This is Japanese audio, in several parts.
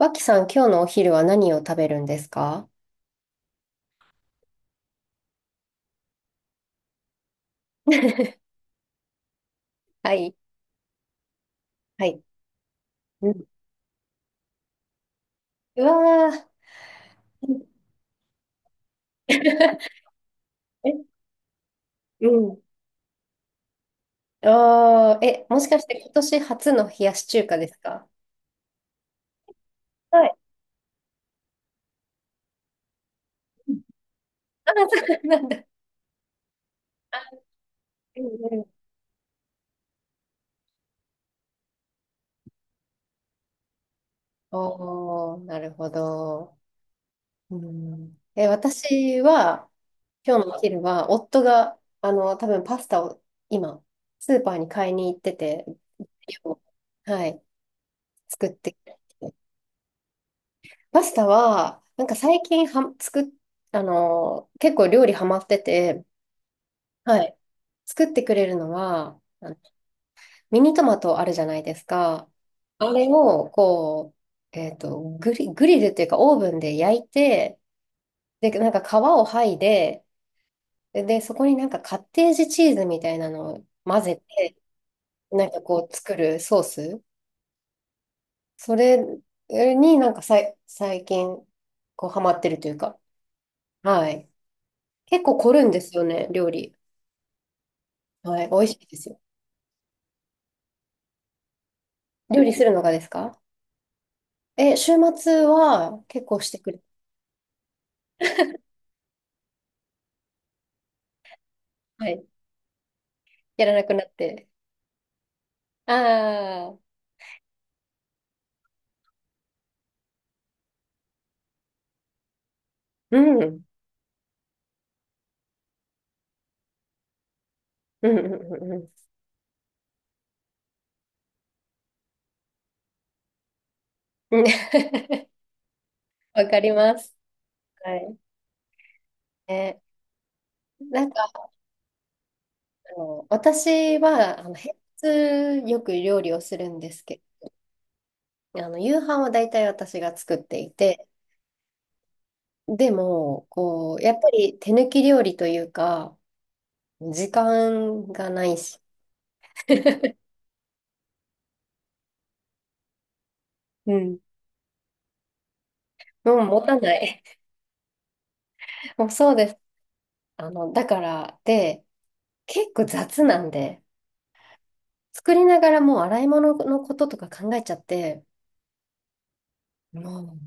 脇さん、今日のお昼は何を食べるんですか？ はい。はい。うん。うわー。え、うん。あー、え、もしかして今年初の冷やし中華ですか？はい。うん。あー、そうなんだ。うんうん。おー、なるほど。うん。え、私は、今日のお昼は、夫が、多分パスタを今、スーパーに買いに行ってて、はい、作ってくれて。パスタは、なんか最近は、結構料理ハマってて、はい。作ってくれるのは、ミニトマトあるじゃないですか。あれを、こう、グリルっていうかオーブンで焼いて、で、なんか皮を剥いで、で、そこになんかカッテージチーズみたいなのを混ぜて、なんかこう作るソース。それになんか最近、こうハマってるというか。はい。結構凝るんですよね、料理。はい、美味しいですよ。料理するのがですか？え、週末は結構してくれ。はい、やらなくなって。ああ、うん、うん、うん、うんうん。うん わかります。はい。え、なんか、私は、平日よく料理をするんですけど、夕飯は大体私が作っていて、でも、こう、やっぱり手抜き料理というか、時間がないし、うんうん、持たない。もうそうです。だから、で、結構雑なんで、作りながらもう洗い物のこととか考えちゃって、もう、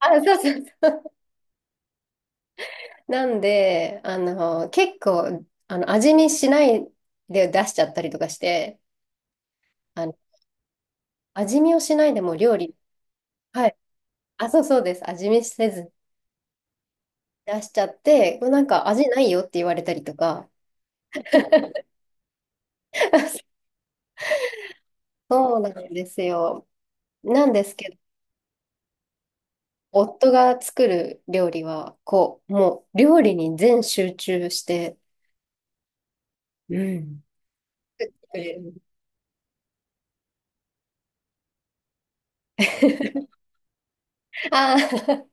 あ、そうそうそう。なんで、結構、味見しないで出しちゃったりとかして、あの、味見をしないでもう料理、はい。あ、そうそうです。味見せず出しちゃって、なんか味ないよって言われたりとか、そうなんですよ。なんですけ夫が作る料理は、こう、もう料理に全集中して、うん。くれる。ああ、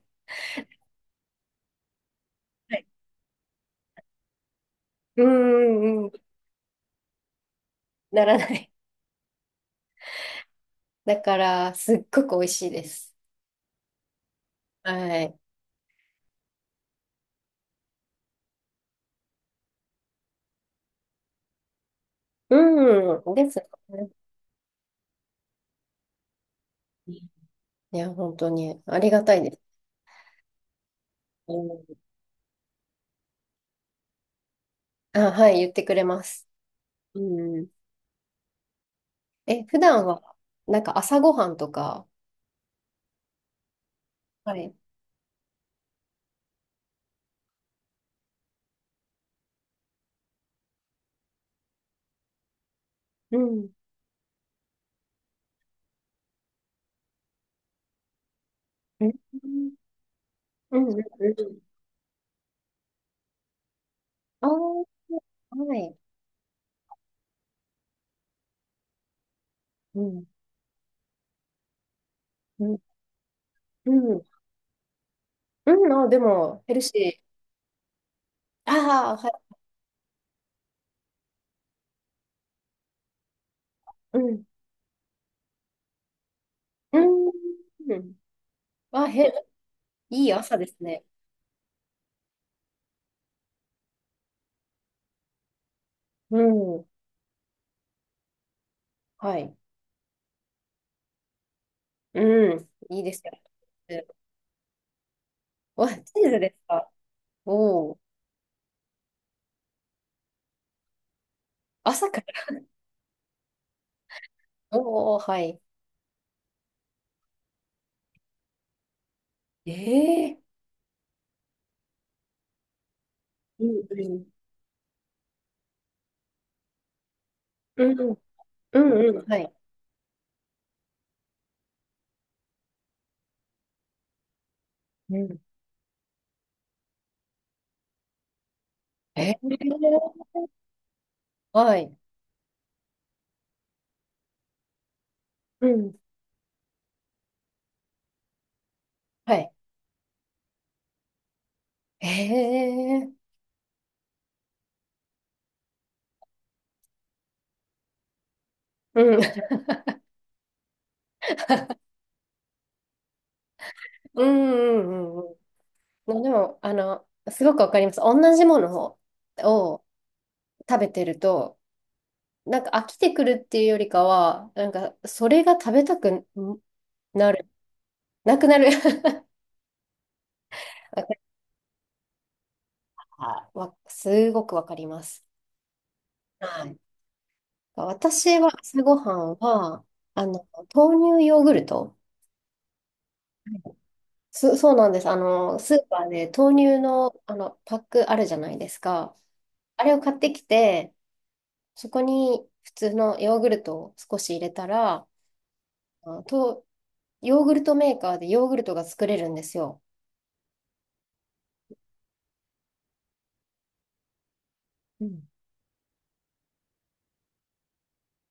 はい。うんうんうん。ならない。だから、すっごく美味しいです。はい。うん。ですね。いや、本当にありがたいです。うん。あ、はい、言ってくれます。うん。え、普段は、なんか朝ごはんとか、はい。うん。うん。うん。うん。う、あー、はい。うん。うんうん。うん、あ、でも、ヘルシー。ああ、はい。うん。うん。うん。あ、へ、いい朝ですね。うん。はい。うん。いいですよ。うわ、チーズですか？おおー。朝から。おお、はい。ええ、うんうん。うんうん。うんうん。はい。うん。ええ、はい。うん。はい。ええ、うん。うんうんうんうん。でも、すごくわかります。同じものを、食べてると、なんか飽きてくるっていうよりかは、なんかそれが食べたくなる、なくなる。わかわすごくわかります。はい。私は朝ごはんは、あの、豆乳ヨーグルト。そうなんです。スーパーで豆乳の、パックあるじゃないですか。あれを買ってきて、そこに普通のヨーグルトを少し入れたら、あと、ヨーグルトメーカーでヨーグルトが作れるんですよ。うん。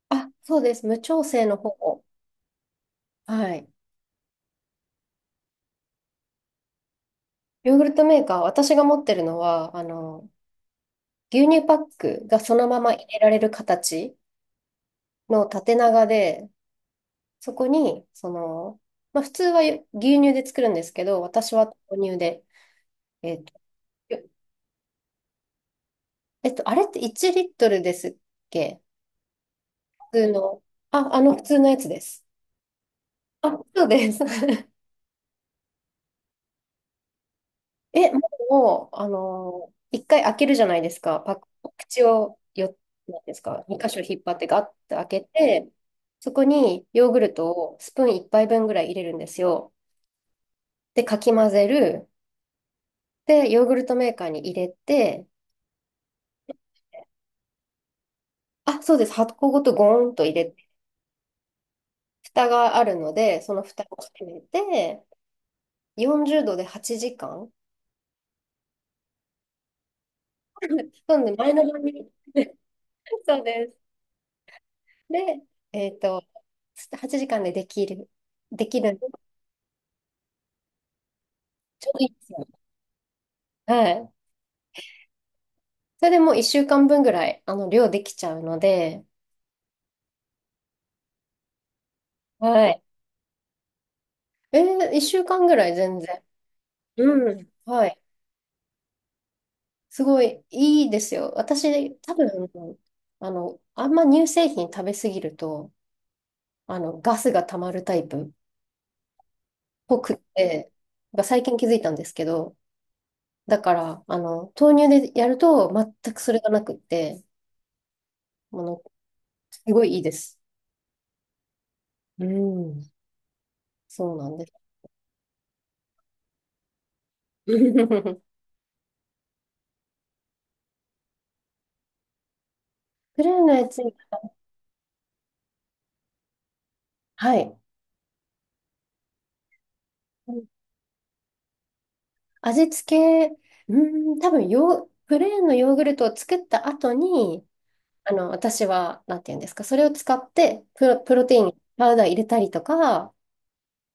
あ、そうです。無調整の方。はい。ヨーグルトメーカー、私が持ってるのは、牛乳パックがそのまま入れられる形の縦長で、そこに、その、まあ、普通は牛乳で作るんですけど、私は豆乳で、えっと、よえっと、あれって1リットルですっけ？普通の。あ、あの普通のやつです。あ、そうです。え、もう、一回開けるじゃないですか。口をよ、なんですか、二箇所引っ張ってガッと開けて、そこにヨーグルトをスプーン一杯分ぐらい入れるんですよ。で、かき混ぜる。で、ヨーグルトメーカーに入れて、あ、そうです。箱ごとゴーンと入れて、蓋があるので、その蓋を閉めて、40度で8時間。なんで、前の晩に、そうです。で、えっと、8時間でできる。できるんで、ちょうどいいですよ。はい。それでもう1週間分ぐらい、量できちゃうので、はい。1週間ぐらい全然。うん。はい。すごいいいですよ。私、多分、あんま乳製品食べ過ぎると、ガスが溜まるタイプっぽくって、が最近気づいたんですけど、だから、豆乳でやると全くそれがなくって、あの、すごいいいです。うん。そうなんです。プレーンのやつ、はい。味付け、うーん、多分プレーンのヨーグルトを作った後に、私は、なんていうんですか、それを使ってプロテイン、パウダー入れたりとか、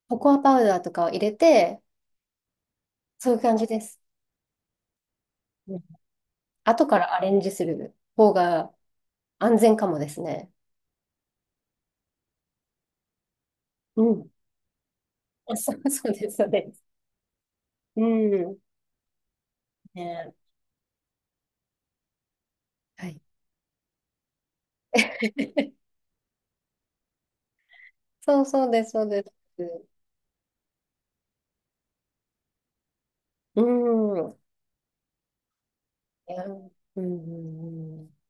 ココアパウダーとかを入れて、そういう感じです。うん。後からアレンジする方が安全かもですね。うん。あ、そう、そうです、そうです。うん。ね、はい。そう、そうです、そうです。うん。いや、うんうんうん